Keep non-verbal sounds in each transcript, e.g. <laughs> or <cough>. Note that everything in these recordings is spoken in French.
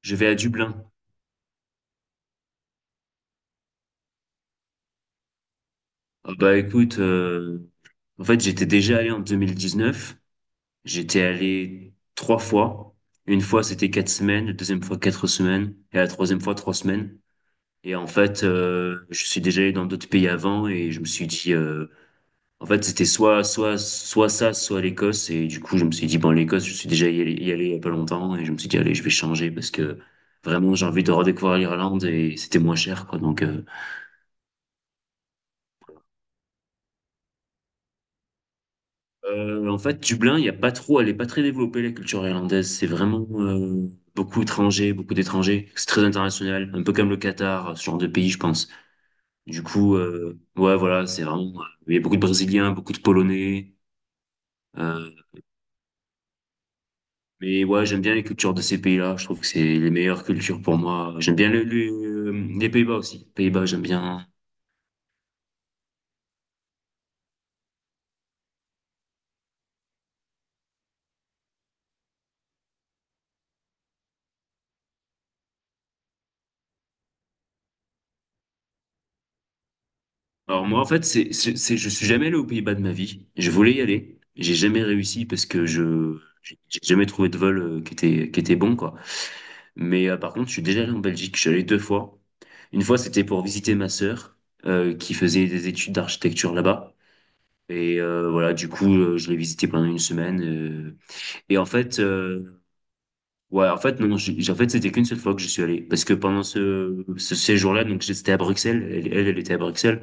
Je vais à Dublin. Ah bah écoute, en fait j'étais déjà allé en 2019. J'étais allé trois fois. Une fois c'était 4 semaines, la deuxième fois 4 semaines et la troisième fois 3 semaines. Et en fait je suis déjà allé dans d'autres pays avant et je me suis dit, en fait c'était soit ça, soit l'Écosse. Et du coup je me suis dit bon l'Écosse je suis déjà y allé il y a pas longtemps et je me suis dit allez je vais changer parce que vraiment j'ai envie de redécouvrir l'Irlande et c'était moins cher quoi donc. En fait, Dublin, il y a pas trop, elle est pas très développée, la culture irlandaise. C'est vraiment beaucoup étrangers, beaucoup d'étrangers. C'est très international, un peu comme le Qatar, ce genre de pays, je pense. Du coup, ouais, voilà, c'est vraiment. Il y a beaucoup de Brésiliens, beaucoup de Polonais. euh, mais ouais, j'aime bien les cultures de ces pays-là. Je trouve que c'est les meilleures cultures pour moi. J'aime bien les Pays-Bas aussi. Pays-Bas, j'aime bien. Alors moi en fait je suis jamais allé aux Pays-Bas de ma vie. Je voulais y aller, j'ai jamais réussi parce que je j'ai jamais trouvé de vol qui était bon quoi. Mais par contre je suis déjà allé en Belgique. Je suis allé deux fois. Une fois c'était pour visiter ma sœur qui faisait des études d'architecture là-bas et voilà du coup je l'ai visité pendant une semaine, euh, et en fait ouais en fait non, en fait c'était qu'une seule fois que je suis allé parce que pendant ce séjour-là donc j'étais à Bruxelles, elle était à Bruxelles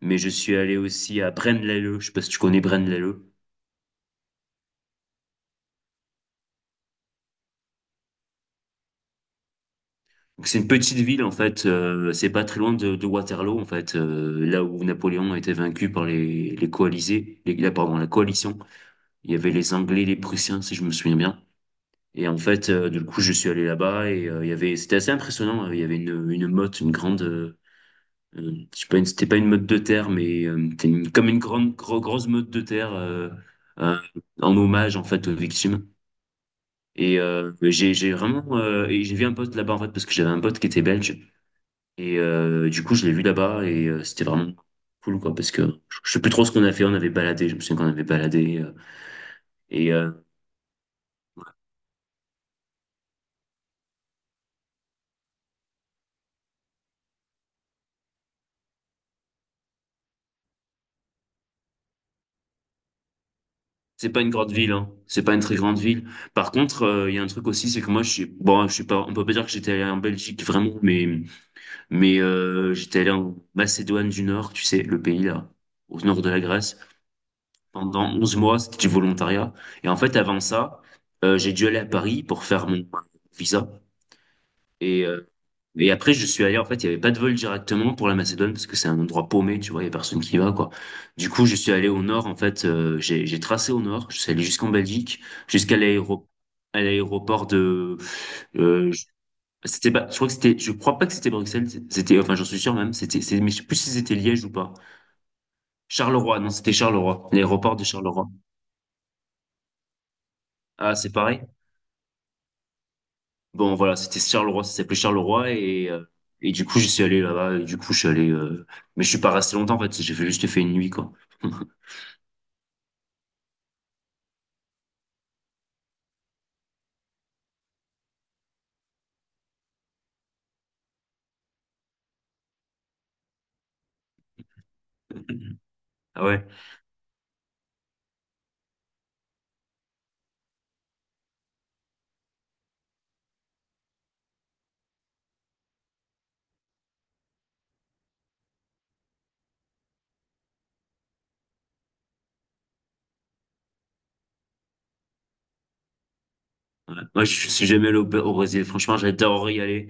mais je suis allé aussi à Braine-l'Alleud. Je sais pas si tu connais Braine-l'Alleud. Donc, c'est une petite ville en fait, c'est pas très loin de Waterloo en fait, là où Napoléon a été vaincu par les coalisés, pardon, la coalition. Il y avait les Anglais, les Prussiens si je me souviens bien. Et en fait, du coup, je suis allé là-bas et il y avait, c'était assez impressionnant. Il y avait une meute, une grande, je sais pas, c'était pas une meute de terre, mais c'était comme une grande, grosse meute de terre, euh, en hommage en fait aux victimes. Et j'ai vraiment et j'ai vu un pote là-bas en fait parce que j'avais un pote qui était belge et du coup je l'ai vu là-bas et c'était vraiment cool quoi parce que je sais plus trop ce qu'on a fait, on avait baladé, je me souviens qu'on avait baladé et euh, c'est pas une grande ville, hein, c'est pas une très grande ville. Par contre, il y a un truc aussi, c'est que moi je suis bon, je suis pas, on peut pas dire que j'étais allé en Belgique vraiment mais mais j'étais allé en Macédoine du Nord, tu sais, le pays là au nord de la Grèce, pendant 11 mois, c'était du volontariat. Et en fait, avant ça, j'ai dû aller à Paris pour faire mon visa. Et, euh, et après, je suis allé, en fait, il n'y avait pas de vol directement pour la Macédoine parce que c'est un endroit paumé, tu vois, il n'y a personne qui va, quoi. Du coup, je suis allé au nord, en fait, j'ai tracé au nord, je suis allé jusqu'en Belgique, jusqu'à l'aéro- à l'aéroport de... euh, je- c'était pas, je crois que c'était, je crois pas que c'était Bruxelles, c'était, enfin, j'en suis sûr même, c'était, mais je sais plus si c'était Liège ou pas. Charleroi, non, c'était Charleroi, l'aéroport de Charleroi. Ah, c'est pareil? Bon, voilà, c'était Charleroi, ça s'appelait Charleroi et du coup, j'y suis allé là-bas et du coup, je suis allé, mais je suis pas resté longtemps en fait, juste fait une nuit quoi. <laughs> Ah ouais, ouais. Moi, je suis jamais allé au Brésil, franchement, j'adore y aller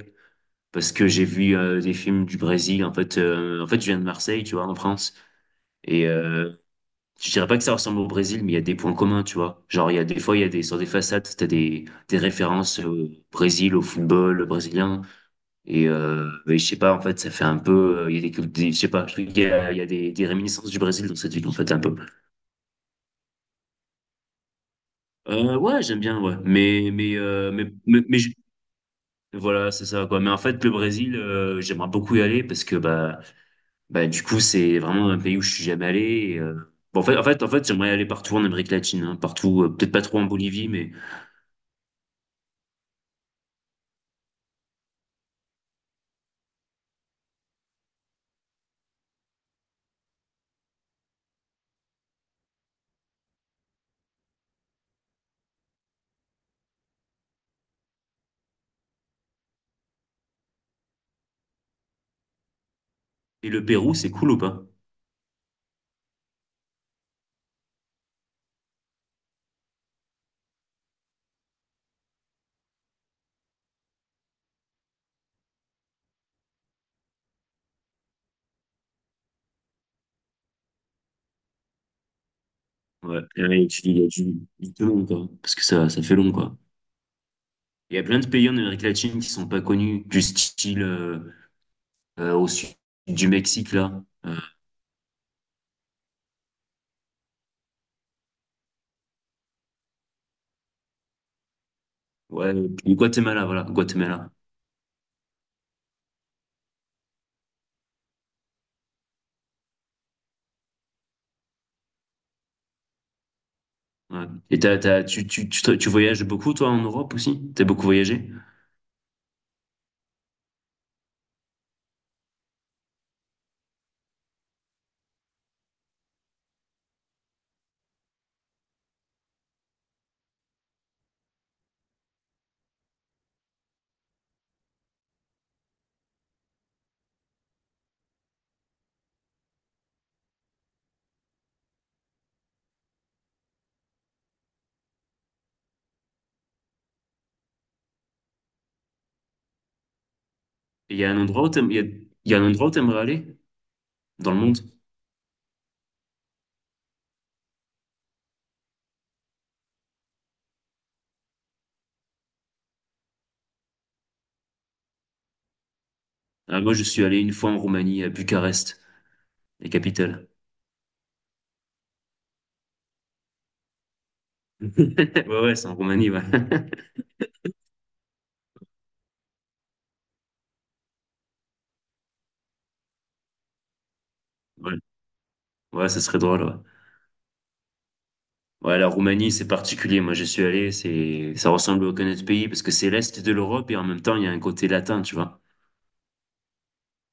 parce que j'ai vu des films du Brésil en fait, je viens de Marseille, tu vois, en France et je dirais pas que ça ressemble au Brésil, mais il y a des points communs, tu vois. Genre, il y a des fois, il y a des sur des façades, t'as des références au Brésil, au football brésilien. Et je sais pas, en fait, ça fait un peu. Il y a des, je sais pas, je trouve qu'il y a des réminiscences du Brésil dans cette ville, en fait, un peu. Ouais, j'aime bien, ouais. Voilà, c'est ça, quoi. Mais en fait, le Brésil, j'aimerais beaucoup y aller parce que, bah, du coup, c'est vraiment un pays où je suis jamais allé. et, euh, bon, en fait, j'aimerais aller partout en Amérique latine, hein, partout, peut-être pas trop en Bolivie, mais. Et le Pérou, c'est cool ou pas? Ouais, et tu dis, il y a du tout long, quoi. Parce que ça fait long, quoi. Il y a plein de pays en Amérique latine qui sont pas connus, du style au sud du Mexique là. Ouais, du Guatemala, voilà, Guatemala. Ouais. Et t'as, t'as, tu, te- tu voyages beaucoup toi en Europe aussi? T'as beaucoup voyagé? Et il y a un endroit où t'aimerais aller dans le monde? Ah, moi, je suis allé une fois en Roumanie, à Bucarest, la capitale. <laughs> Ouais, ouais, c'est en Roumanie, ouais. <laughs> Ouais, ouais, ça serait drôle, ouais. Ouais, la Roumanie, c'est particulier. Moi, je suis allé, c'est, ça ressemble à aucun autre pays parce que c'est l'Est de l'Europe et en même temps, il y a un côté latin, tu vois.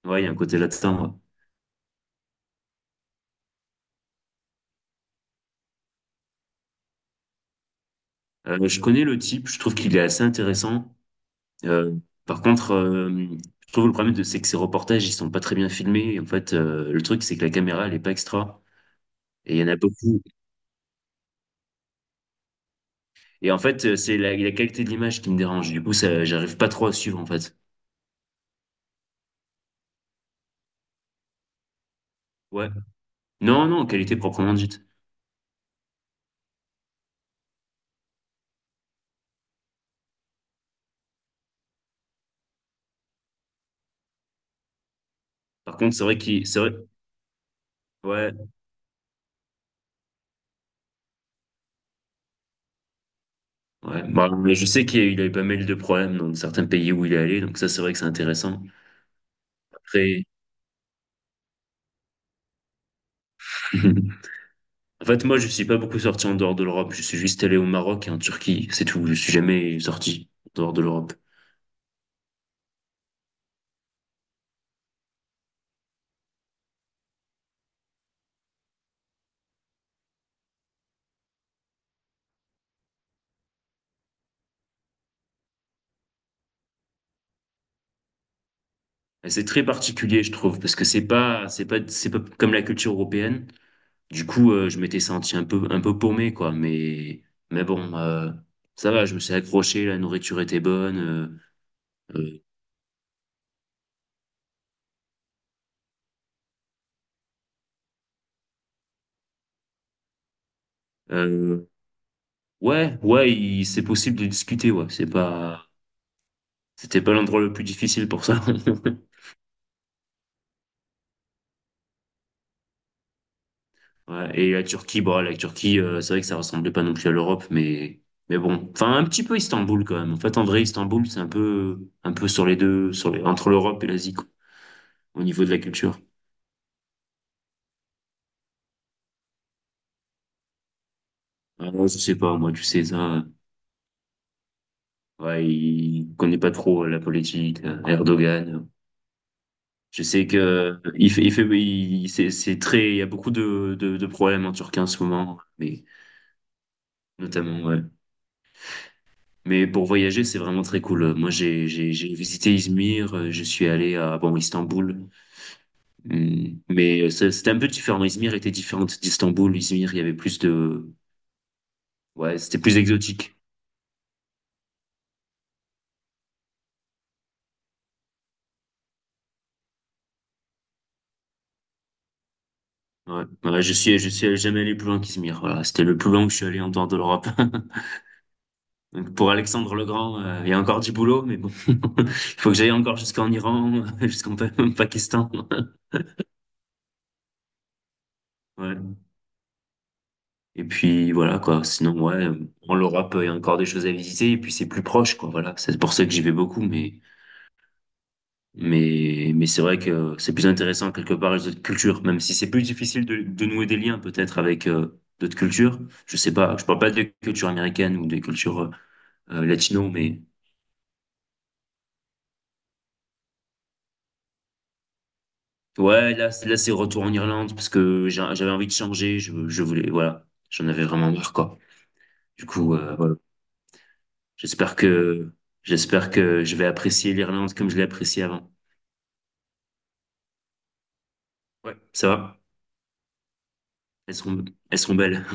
Ouais, il y a un côté latin. Ouais. Je connais le type, je trouve qu'il est assez intéressant. Euh, Par contre, je trouve le problème, c'est que ses reportages, ils sont pas très bien filmés. En fait, le truc, c'est que la caméra, elle est pas extra. Et il y en a beaucoup. Et en fait, c'est la qualité de l'image qui me dérange. Du coup, ça, j'arrive pas trop à suivre, en fait. Ouais. Non, non, qualité proprement dite. Par contre, c'est vrai qu'il, c'est vrai, ouais. Ouais. Bah, mais je sais qu'il a eu pas mal de problèmes dans certains pays où il est allé, donc ça, c'est vrai que c'est intéressant. Après, <laughs> en fait moi je suis pas beaucoup sorti en dehors de l'Europe, je suis juste allé au Maroc et en Turquie, c'est tout. Je suis jamais sorti en dehors de l'Europe. Et c'est très particulier je trouve parce que c'est pas comme la culture européenne. Du coup je m'étais senti un peu paumé quoi, mais bon, ça va, je me suis accroché, la nourriture était bonne. Euh, euh, ouais ouais, c'est possible de discuter, ouais, C'était pas l'endroit le plus difficile pour ça. <laughs> Ouais, et la Turquie, bon, la Turquie, c'est vrai que ça ressemblait pas non plus à l'Europe, mais bon, enfin un petit peu Istanbul quand même. En fait, en vrai, Istanbul, c'est un peu sur les deux, sur les entre l'Europe et l'Asie quoi, au niveau de la culture. Ah, moi, je sais pas, moi, tu sais ça. Ouais, il connaît pas trop la politique, Erdogan. Je sais que c'est très, il y a beaucoup de problèmes en Turquie en ce moment, mais notamment ouais. Mais pour voyager, c'est vraiment très cool. Moi, j'ai visité Izmir, je suis allé à bon Istanbul, hum, mais c'était un peu différent. Izmir était différente d'Istanbul. Izmir, il y avait plus de ouais, c'était plus exotique. Ouais, ouais, je suis jamais allé plus loin qu'Izmir. Voilà, c'était le plus loin que je suis allé en dehors de l'Europe. <laughs> Donc pour Alexandre le Grand, il y a encore du boulot, mais bon, <laughs> il faut que j'aille encore jusqu'en Iran, <laughs> Pakistan. <laughs> Ouais. Et puis voilà quoi, sinon ouais, en l'Europe, il y a encore des choses à visiter et puis c'est plus proche quoi, voilà. C'est pour ça que j'y vais beaucoup mais mais c'est vrai que c'est plus intéressant quelque part les autres cultures même si c'est plus difficile de nouer des liens peut-être avec d'autres cultures. Je sais pas, je parle pas des cultures américaines ou des cultures latino mais ouais, là c'est retour en Irlande parce que j'avais envie de changer, je voulais voilà, j'en avais vraiment marre quoi. Du coup voilà. J'espère que j'espère que je vais apprécier l'Irlande comme je l'ai appréciée avant. Ouais, ça va. Elles sont, elles sont belles.